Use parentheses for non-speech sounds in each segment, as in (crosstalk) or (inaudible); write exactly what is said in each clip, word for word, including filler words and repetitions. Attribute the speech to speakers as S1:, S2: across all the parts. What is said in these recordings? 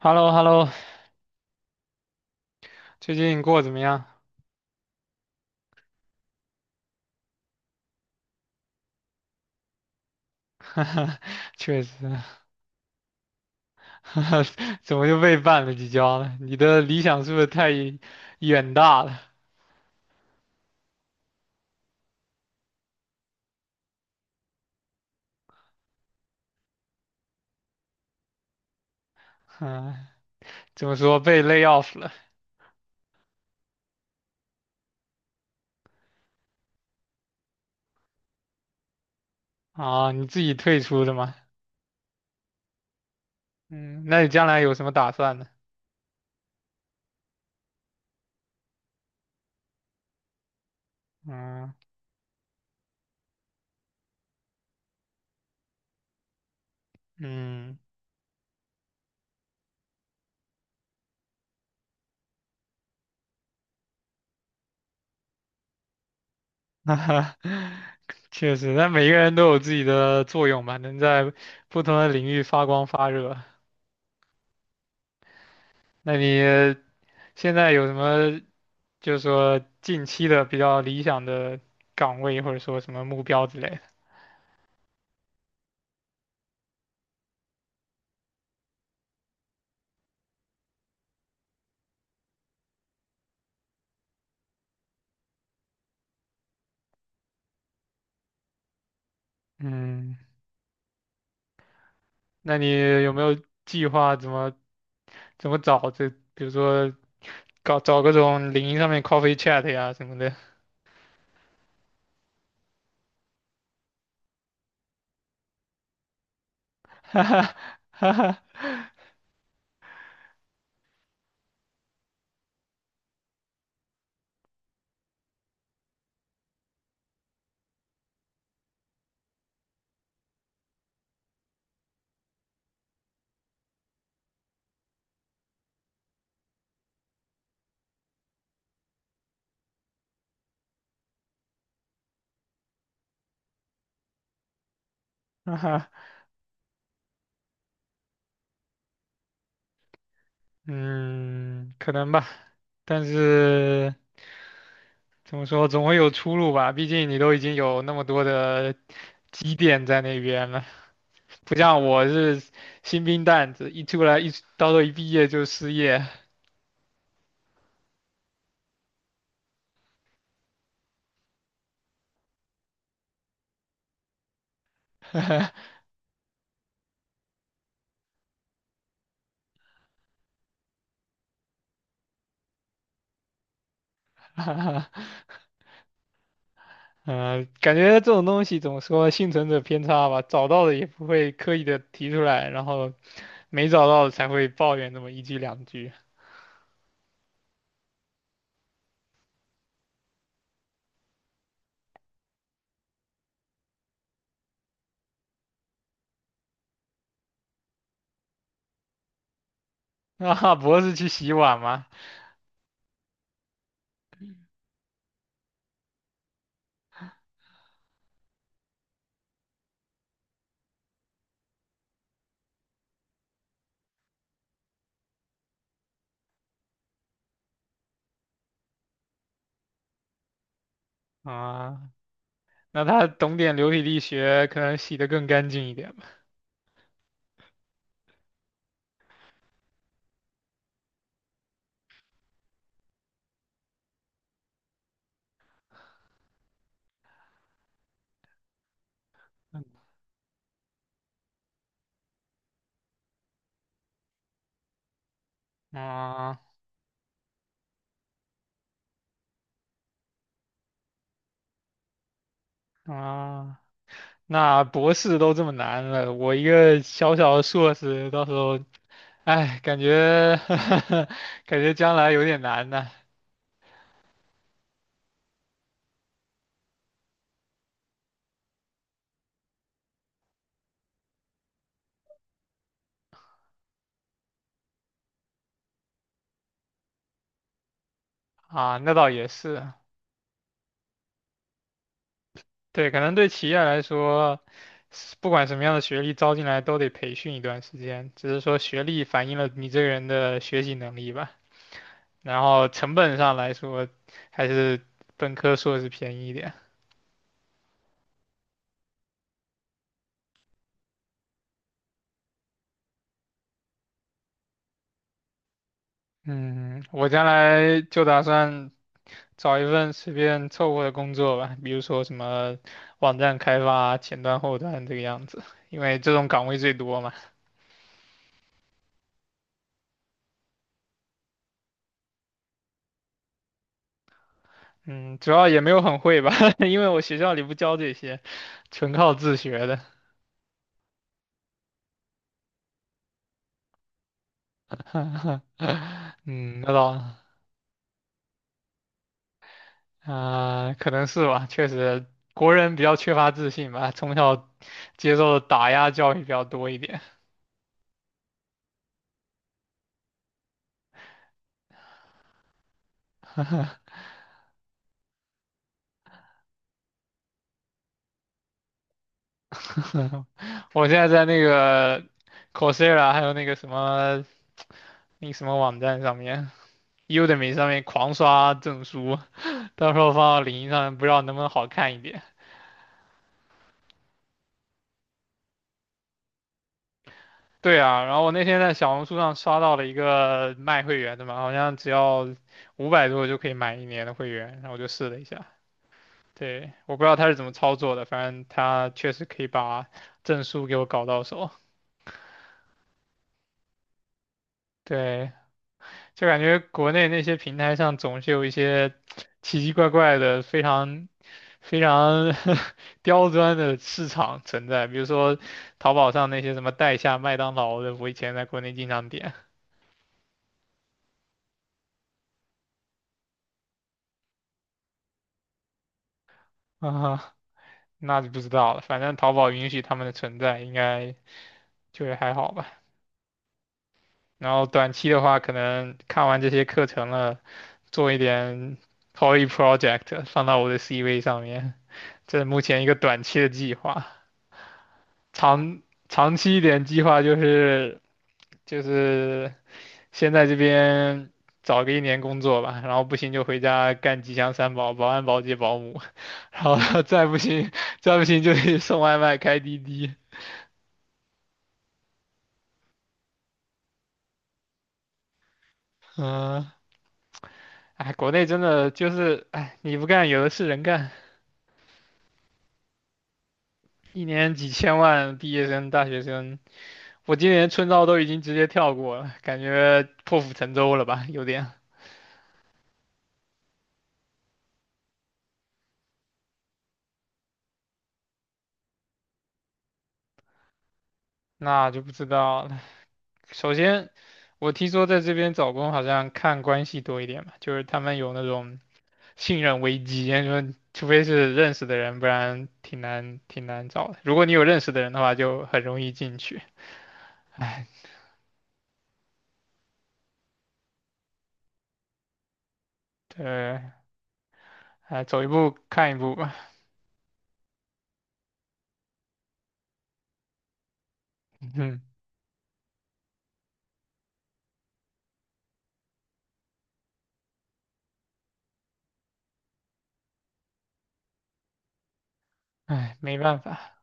S1: hello hello 最近过得怎么样？(laughs) 确实。(laughs) 怎么又被绊了几跤了？你的理想是不是太远大了？(laughs) 嗯，怎么说被 lay off 了？啊？你自己退出的吗？嗯，那你将来有什么打算呢？嗯嗯。(laughs) 确实，那每个人都有自己的作用吧，能在不同的领域发光发热。那你现在有什么？就是说近期的比较理想的岗位或者说什么目标之类的。嗯，那你有没有计划怎么怎么找这？比如说搞找各种领英上面 coffee chat 呀什么的。(laughs) 哈哈嗯，可能吧，但是怎么说，总会有出路吧。毕竟你都已经有那么多的积淀在那边了，不像我是新兵蛋子，一出来一到时候一毕业就失业。(laughs) 嗯，感觉这种东西怎么说，幸存者偏差吧，找到了也不会刻意的提出来，然后没找到才会抱怨那么一句两句。(laughs) 啊，博士去洗碗吗？啊，那他懂点流体力学，可能洗得更干净一点吧。嗯啊啊，那博士都这么难了，我一个小小的硕士，到时候，哎，感觉 (laughs) 感觉将来有点难呢。啊，那倒也是。对，可能对企业来说，是不管什么样的学历招进来都得培训一段时间，只是说学历反映了你这个人的学习能力吧。然后成本上来说，还是本科硕士便宜一点。嗯，我将来就打算找一份随便凑合的工作吧，比如说什么网站开发、前端、后端这个样子，因为这种岗位最多嘛。嗯，主要也没有很会吧，(laughs) 因为我学校里不教这些，纯靠自学的。(laughs) 嗯，那倒。啊、可能是吧，确实，国人比较缺乏自信吧，从小接受的打压教育比较多一点。(laughs) 我现在在那个 Coursera,还有那个什么，那个什么网站上面，Udemy 上面狂刷证书，到时候放到领英上，不知道能不能好看一点。对啊，然后我那天在小红书上刷到了一个卖会员的嘛，好像只要五百多就可以买一年的会员，然后我就试了一下。对，我不知道他是怎么操作的，反正他确实可以把证书给我搞到手。对，就感觉国内那些平台上总是有一些奇奇怪怪的、非常非常 (laughs) 刁钻的市场存在，比如说淘宝上那些什么代下麦当劳的，我以前在国内经常点。啊，那就不知道了。反正淘宝允许他们的存在，应该就还好吧。然后短期的话，可能看完这些课程了。做一点 poly project 放到我的 C v 上面，这是目前一个短期的计划。长长期一点计划就是就是先在这边找个一年工作吧，然后不行就回家干吉祥三宝、保安、保洁、保姆，(laughs) 然后再不行再不行就去送外卖、开滴滴。嗯，哎，国内真的就是哎，你不干有的是人干，一年几千万毕业生、大学生。我今年春招都已经直接跳过了，感觉破釜沉舟了吧，有点。那就不知道了。首先，我听说在这边找工好像看关系多一点吧，就是他们有那种信任危机，说除非是认识的人，不然挺难挺难找的。如果你有认识的人的话，就很容易进去。唉，对，哎，走一步看一步吧。嗯，唉，没办法。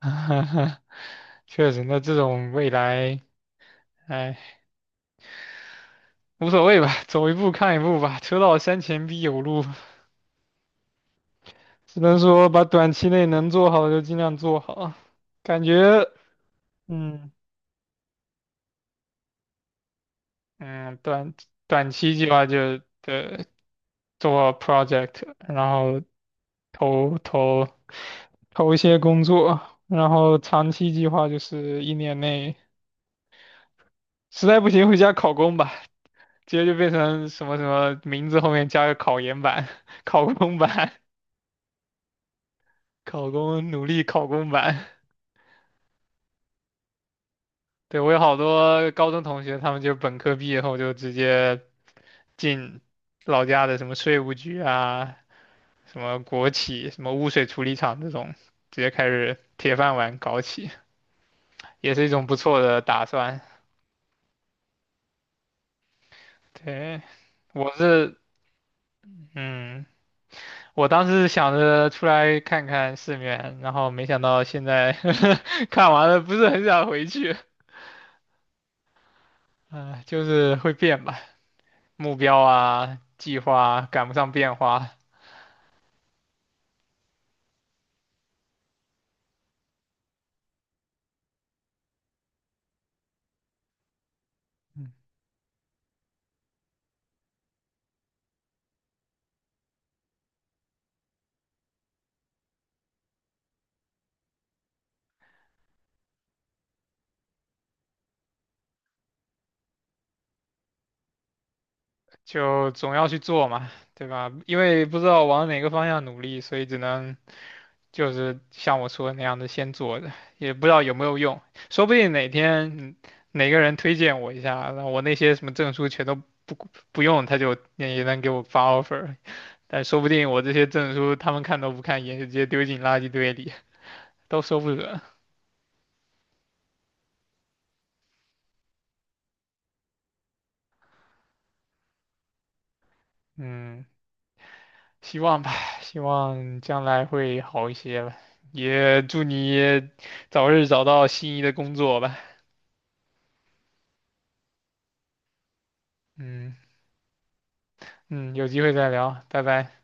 S1: (laughs) 确实，那这种未来，唉。无所谓吧，走一步看一步吧，车到山前必有路，只能说把短期内能做好的就尽量做好。感觉。嗯嗯，短短期计划就对做 project,然后投投投一些工作，然后长期计划就是一年内，实在不行回家考公吧，直接就变成什么什么名字后面加个考研版、(laughs) 考公版、考公努力考公版。对，我有好多高中同学，他们就本科毕业后就直接进老家的什么税务局啊，什么国企、什么污水处理厂这种，直接开始铁饭碗搞起，也是一种不错的打算。对，我是，嗯，我当时想着出来看看世面，然后没想到现在 (laughs) 看完了，不是很想回去。啊、就是会变吧，目标啊、计划啊赶不上变化。就总要去做嘛，对吧？因为不知道往哪个方向努力，所以只能就是像我说的那样的先做着，也不知道有没有用。说不定哪天嗯哪个人推荐我一下，那我那些什么证书全都不不用，他就也能给我发 offer。但说不定我这些证书他们看都不看一眼，就直接丢进垃圾堆里，(laughs) 都说不准。嗯，希望吧，希望将来会好一些吧。也祝你早日找到心仪的工作吧。嗯嗯，有机会再聊，拜拜。